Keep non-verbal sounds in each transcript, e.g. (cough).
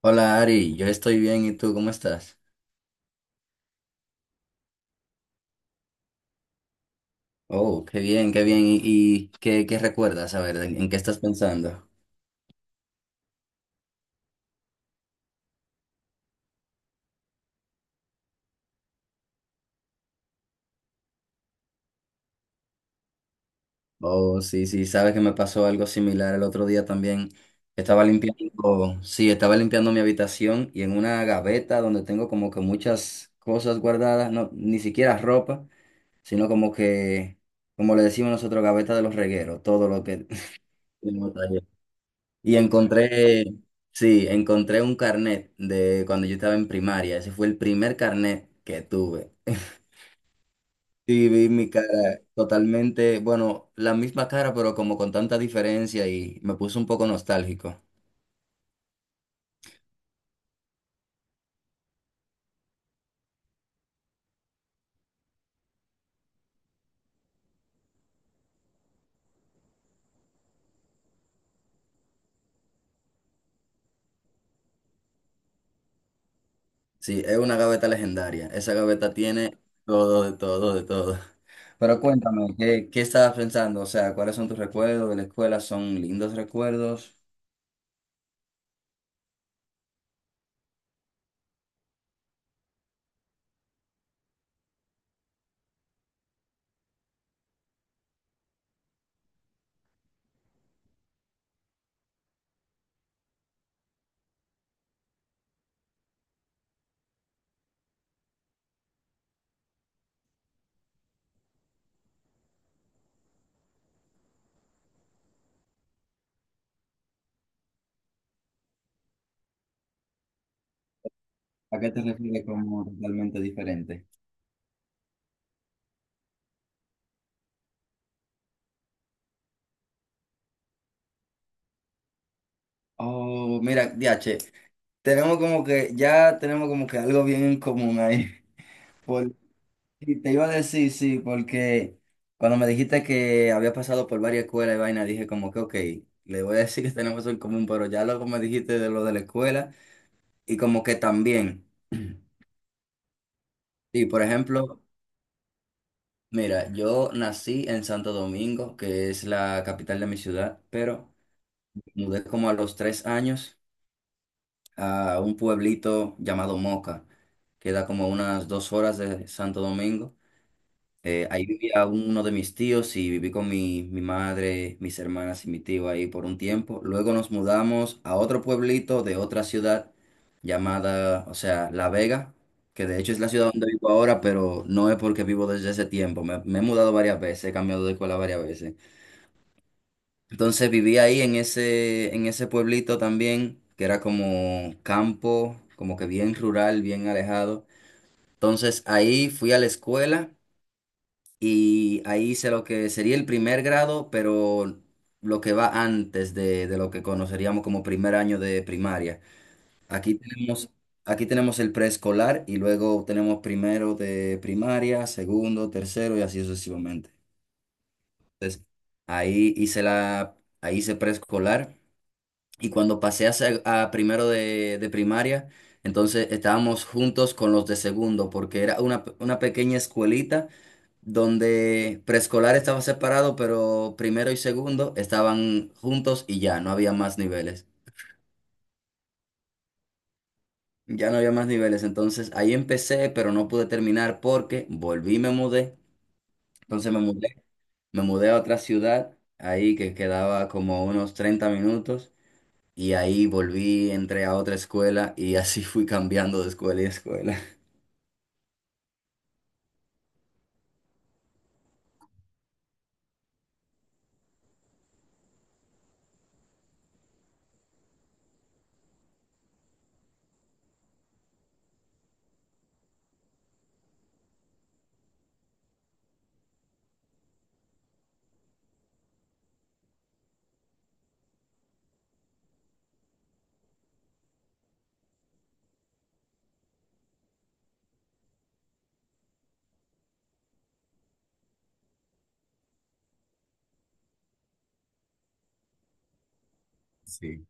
Hola Ari, yo estoy bien, ¿y tú cómo estás? Oh, qué bien, qué bien. ¿Y qué recuerdas? A ver, ¿en qué estás pensando? Oh, sí, sí, sabes que me pasó algo similar el otro día también. Estaba limpiando, sí, estaba limpiando mi habitación y en una gaveta donde tengo como que muchas cosas guardadas, no, ni siquiera ropa, sino como que, como le decimos nosotros, gaveta de los regueros, todo lo que... (laughs) Y encontré, sí, encontré un carnet de cuando yo estaba en primaria. Ese fue el primer carnet que tuve. (laughs) Y vi mi cara totalmente, bueno, la misma cara, pero como con tanta diferencia y me puso un poco nostálgico. Sí, es una gaveta legendaria. Esa gaveta tiene todo, de todo, de todo. (laughs) Pero cuéntame, ¿qué estabas pensando? O sea, ¿cuáles son tus recuerdos de la escuela? ¿Son lindos recuerdos? ¿A qué te refieres como totalmente diferente? Oh, mira, Diache. Tenemos como que, ya tenemos como que algo bien en común ahí. (laughs) Por- y te iba a decir, sí, porque cuando me dijiste que había pasado por varias escuelas y vaina, dije como que, ok, le voy a decir que tenemos eso en común, pero ya luego me dijiste de lo de la escuela y como que también. (clears throat) Y por ejemplo, mira, yo nací en Santo Domingo, que es la capital de mi ciudad, pero mudé como a los 3 años a un pueblito llamado Moca, que da como unas 2 horas de Santo Domingo. Ahí vivía uno de mis tíos y viví con mi madre, mis hermanas y mi tío ahí por un tiempo. Luego nos mudamos a otro pueblito de otra ciudad llamada, o sea, La Vega, que de hecho es la ciudad donde vivo ahora, pero no es porque vivo desde ese tiempo. Me he mudado varias veces, he cambiado de escuela varias veces. Entonces viví ahí en ese pueblito también, que era como campo, como que bien rural, bien alejado. Entonces ahí fui a la escuela y ahí hice lo que sería el primer grado, pero lo que va antes de lo que conoceríamos como primer año de primaria. Aquí tenemos, aquí tenemos el preescolar y luego tenemos primero de primaria, segundo, tercero y así sucesivamente. Entonces, ahí hice preescolar y cuando pasé a primero de primaria, entonces estábamos juntos con los de segundo porque era una pequeña escuelita donde preescolar estaba separado, pero primero y segundo estaban juntos y ya, no había más niveles. Ya no había más niveles, entonces ahí empecé, pero no pude terminar porque volví y me mudé. Entonces me mudé a otra ciudad, ahí que quedaba como unos 30 minutos, y ahí volví, entré a otra escuela y (laughs) así fui cambiando de escuela y escuela. Sí,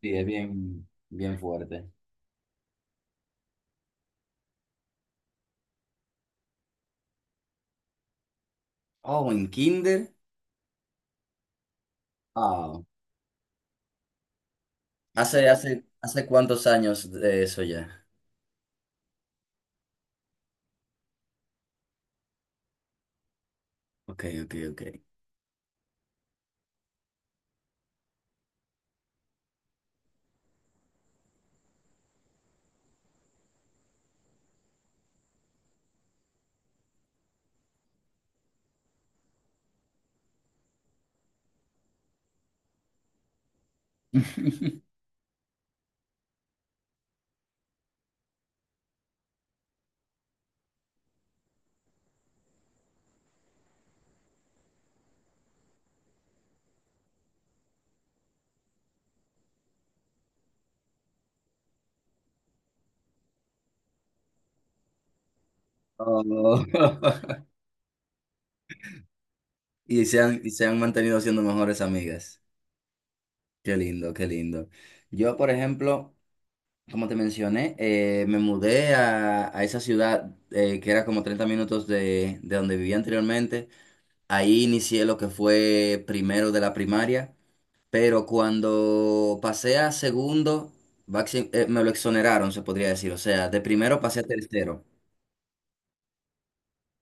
sí, es bien, bien fuerte. Oh, en kinder. Ah, ¿hace cuántos años de eso ya? Ok, ok, ok. (laughs) Oh. (laughs) Y se han mantenido siendo mejores amigas. Qué lindo, qué lindo. Yo, por ejemplo, como te mencioné, me mudé a esa ciudad que era como 30 minutos de donde vivía anteriormente. Ahí inicié lo que fue primero de la primaria, pero cuando pasé a segundo, me lo exoneraron, se podría decir. O sea, de primero pasé a tercero.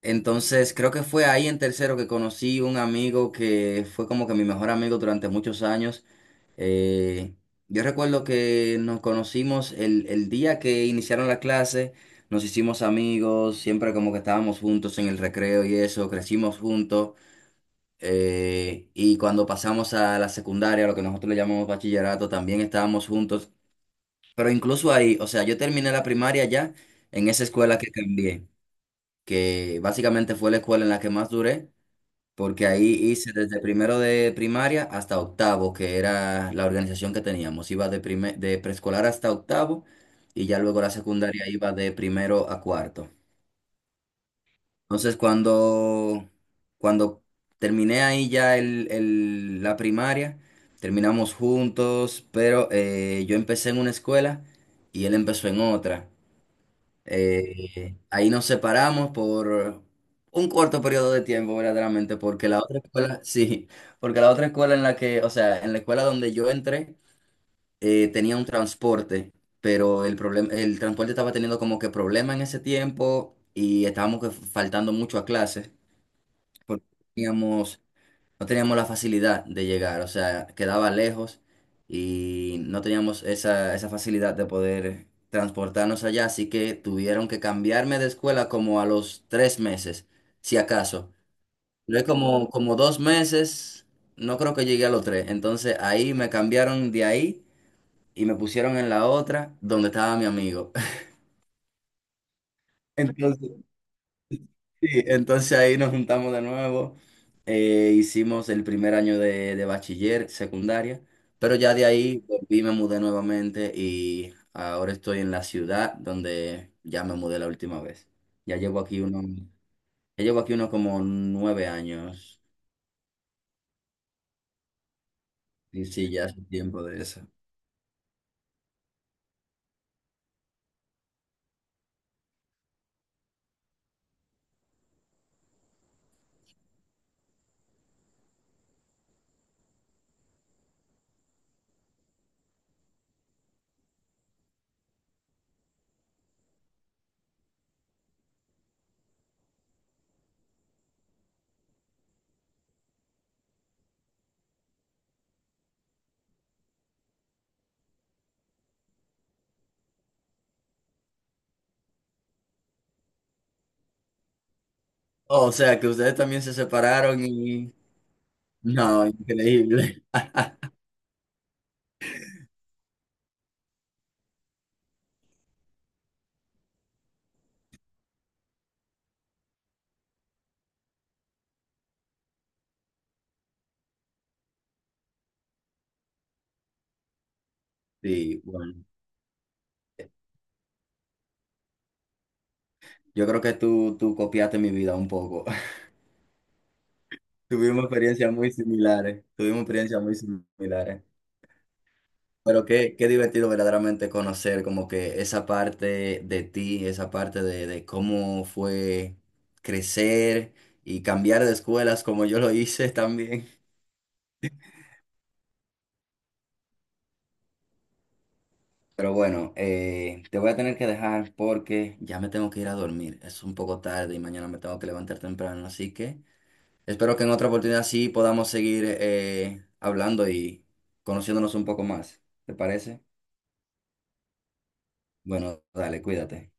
Entonces, creo que fue ahí en tercero que conocí un amigo que fue como que mi mejor amigo durante muchos años. Eh, yo recuerdo que nos conocimos el día que iniciaron la clase, nos hicimos amigos, siempre como que estábamos juntos en el recreo y eso, crecimos juntos. Y cuando pasamos a la secundaria, lo que nosotros le llamamos bachillerato, también estábamos juntos. Pero incluso ahí, o sea, yo terminé la primaria ya en esa escuela que cambié, que básicamente fue la escuela en la que más duré porque ahí hice desde primero de primaria hasta octavo, que era la organización que teníamos. Iba de preescolar hasta octavo y ya luego la secundaria iba de primero a cuarto. Entonces, cuando terminé ahí ya el, la primaria, terminamos juntos, pero yo empecé en una escuela y él empezó en otra. Ahí nos separamos por un corto periodo de tiempo, verdaderamente, porque la otra escuela, (laughs) sí, porque la otra escuela en la que, o sea, en la escuela donde yo entré, tenía un transporte, pero el problema, el transporte estaba teniendo como que problema en ese tiempo y estábamos que faltando mucho a clases, porque teníamos no teníamos la facilidad de llegar, o sea, quedaba lejos y no teníamos esa facilidad de poder transportarnos allá, así que tuvieron que cambiarme de escuela como a los 3 meses, si acaso. Luego como 2 meses, no creo que llegué a los tres, entonces ahí me cambiaron de ahí y me pusieron en la otra donde estaba mi amigo. (laughs) entonces Sí, entonces ahí nos juntamos de nuevo, hicimos el primer año de bachiller, secundaria, pero ya de ahí volví, me mudé nuevamente y ahora estoy en la ciudad donde ya me mudé la última vez. Ya llevo aquí uno, ya llevo aquí unos como 9 años y sí, ya hace tiempo de eso. Oh, o sea que ustedes también se separaron y... No, increíble. (laughs) Sí, bueno, yo creo que tú copiaste mi vida un poco. Tuvimos experiencias muy similares, tuvimos experiencias muy similares. Pero qué divertido verdaderamente conocer como que esa parte de ti, esa parte de cómo fue crecer y cambiar de escuelas como yo lo hice (laughs) también. Pero bueno, te voy a tener que dejar porque ya me tengo que ir a dormir. Es un poco tarde y mañana me tengo que levantar temprano. Así que espero que en otra oportunidad sí podamos seguir hablando y conociéndonos un poco más. ¿Te parece? Bueno, dale, cuídate.